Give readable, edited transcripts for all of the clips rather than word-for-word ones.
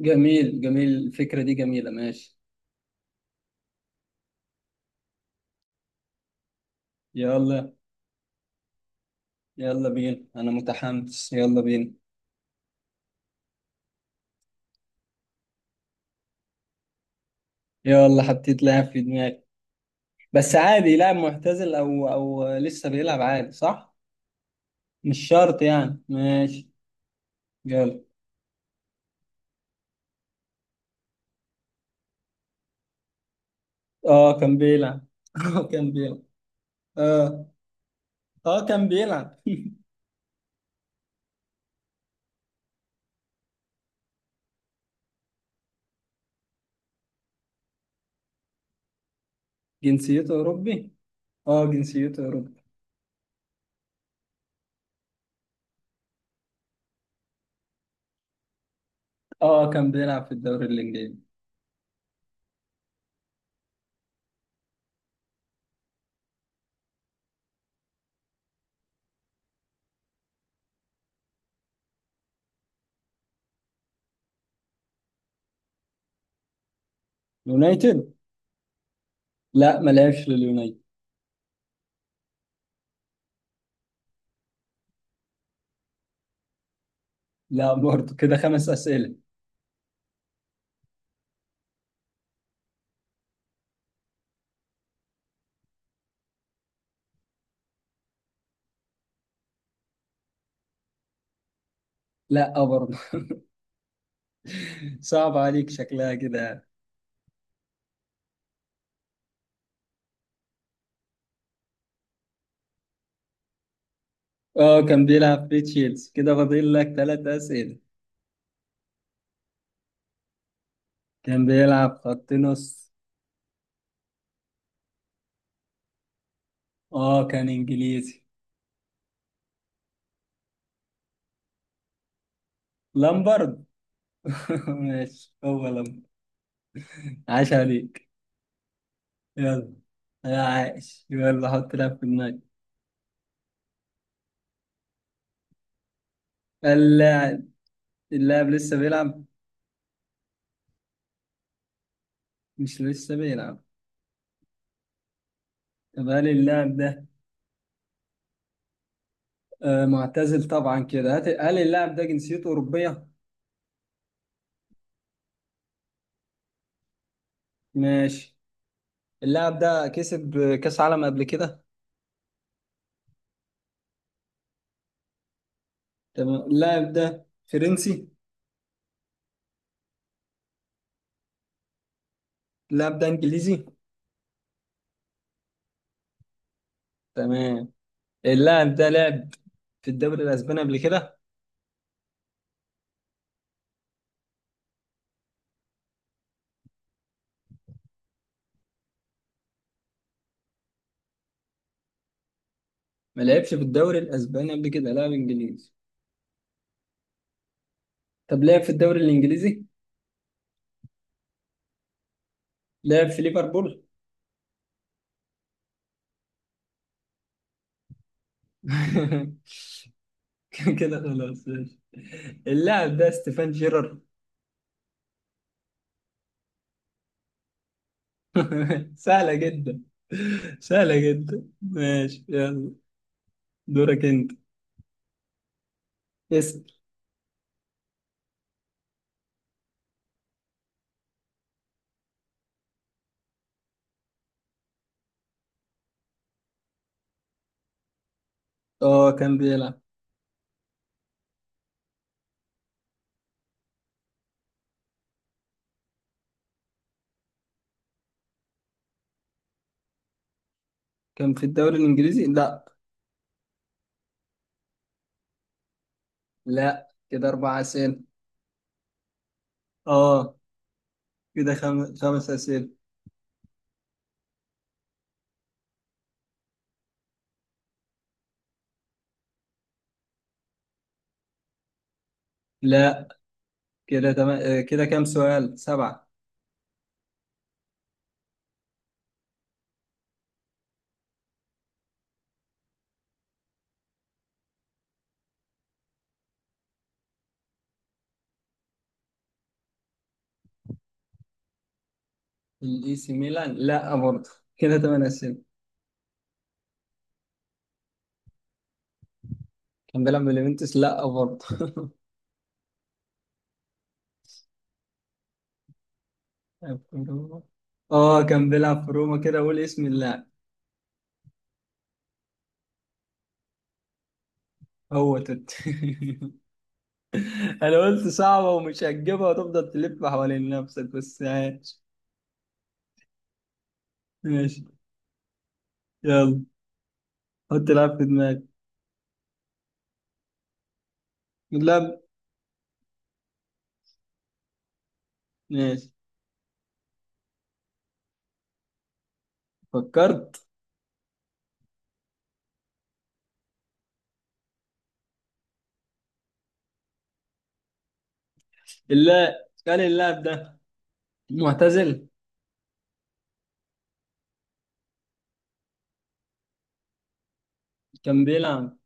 جميل جميل، الفكرة دي جميلة، ماشي يلا. يلا بينا، أنا متحمس، يلا بينا. يلا حطيت لاعب في دماغي. بس عادي لاعب معتزل أو لسه بيلعب، عادي صح؟ مش شرط يعني، ماشي يلا. اه كان بيلعب. اه كان بيلعب. اه. اه كان بيلعب. جنسيته أوروبي؟ اه جنسيته أوروبي. اه كان بيلعب في الدوري الإنجليزي. يونايتد؟ لا ما لعبش لليونايتد. لا برضه، كده خمس أسئلة. لا برضه. صعب عليك شكلها كده يعني. اه كان بيلعب في تشيلسي، كده فاضل لك ثلاث أسئلة. كان بيلعب خط نص. اه كان انجليزي. لامبرد. ماشي، هو لامبرد، عاش عليك. يلا، يا عاش، يلا حط لاعب في دماغك. اللاعب، اللاعب لسه بيلعب؟ مش لسه بيلعب. طب هل اللاعب ده معتزل طبعا؟ كده هل اللاعب ده جنسيته أوروبية؟ ماشي. اللاعب ده كسب كأس عالم قبل كده؟ تمام، اللاعب ده فرنسي. اللاعب ده انجليزي. تمام. اللاعب ده لعب في الدوري الاسباني قبل كده؟ ما لعبش في الدوري الاسباني قبل كده، لاعب انجليزي. طب لعب في الدوري الانجليزي. لعب في ليفربول. كده خلاص ماشي. اللاعب ده ستيفان جيرارد. سهلة جدا. سهلة جدا ماشي، يلا دورك انت، اسأل. اه كان بيلعب. كان في الدوري الانجليزي؟ لا. لا، كده اربع اسئلة. اه، كده خمس اسئلة. لا، كده تمام. كده كام سؤال؟ سبعة. الاي سي ميلان؟ لا برضه، كده تمام أسئلة. كان بيلعب في اليوفنتوس؟ لا برضه. في روما. اه كان بيلعب في روما، كده قول اسم اللاعب. هو توت. انا قلت صعبة ومش هتجيبها، وتفضل تلف حوالين نفسك بس عايش. ماشي يلا، حط لاعب في دماغك. لا، ماشي، فكرت. اللاعب، كان اللاعب ده معتزل. كان بيلعب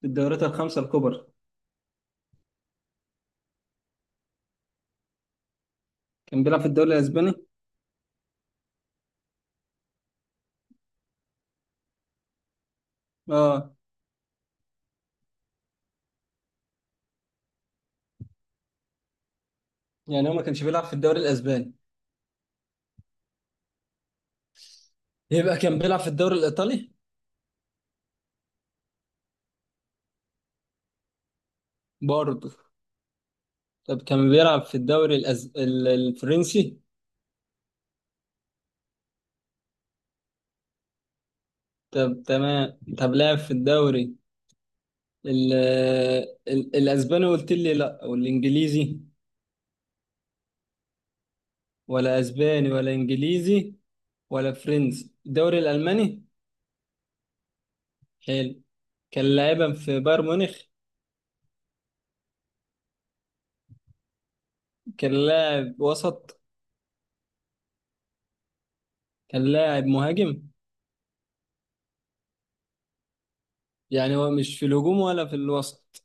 في الدوريات الخمسة الكبرى. كان بيلعب في الدوري الاسباني؟ اه. يعني هو ما كانش بيلعب في الدوري الاسباني، يبقى كان بيلعب في الدوري الايطالي. برضه؟ طب كان بيلعب في الدوري الفرنسي. طب تمام، طب لعب في الدوري ال... الاسباني قلت لي لا، والانجليزي؟ ولا اسباني ولا انجليزي ولا فرنسي، الدوري الالماني. حلو، كان لاعبا في بايرن ميونخ. كان لاعب وسط؟ كان لاعب مهاجم؟ يعني هو مش في الهجوم ولا في الوسط.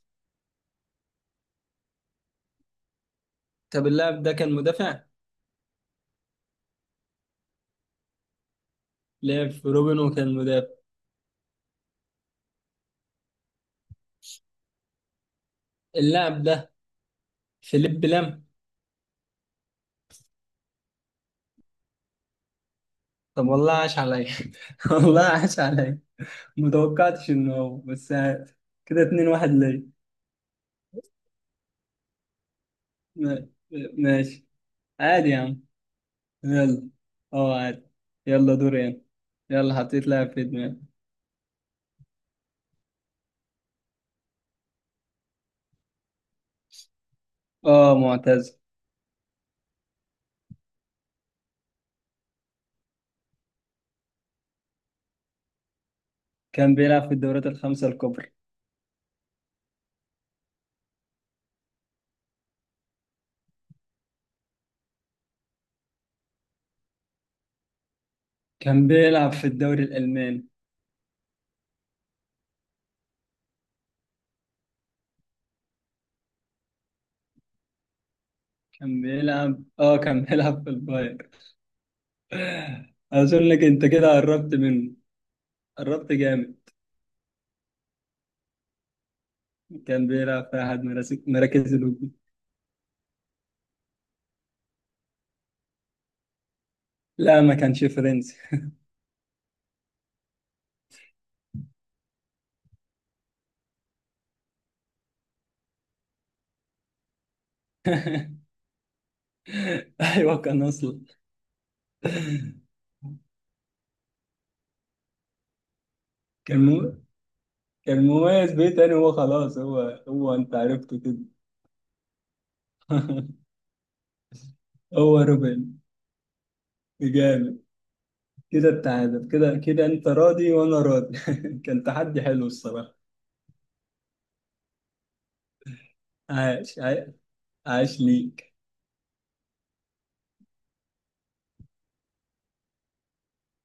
طب اللاعب ده كان مدافع. لعب في روبن وكان مدافع. اللاعب ده فيليب لام. طب والله عاش عليا. والله عاش عليا، متوقعتش انه هو بس عاد. كده 2-1 ليا. ما- ماشي، عادي يا عم، يلا. اه عادي، يلا دوري انا. يلا حطيت لاعب في دماغي. اه معتز. كان بيلعب في الدوريات الخمسة الكبرى. كان بيلعب في الدوري الألماني. كان بيلعب. اه كان بيلعب في الباير. أظنك أنت كده قربت منه، قربت جامد. كان بيلعب في أحد مراكز الهجوم. لا ما كانش فرنسي. أيوه كان أصلا. كان مو... كان مميز بيه. تاني هو خلاص، هو، هو أنت عرفته كده. هو روبن. جامد. كده التعادل، كده كده أنت راضي وأنا راضي. كان تحدي حلو الصراحة. عاش عاش، عاش ليك.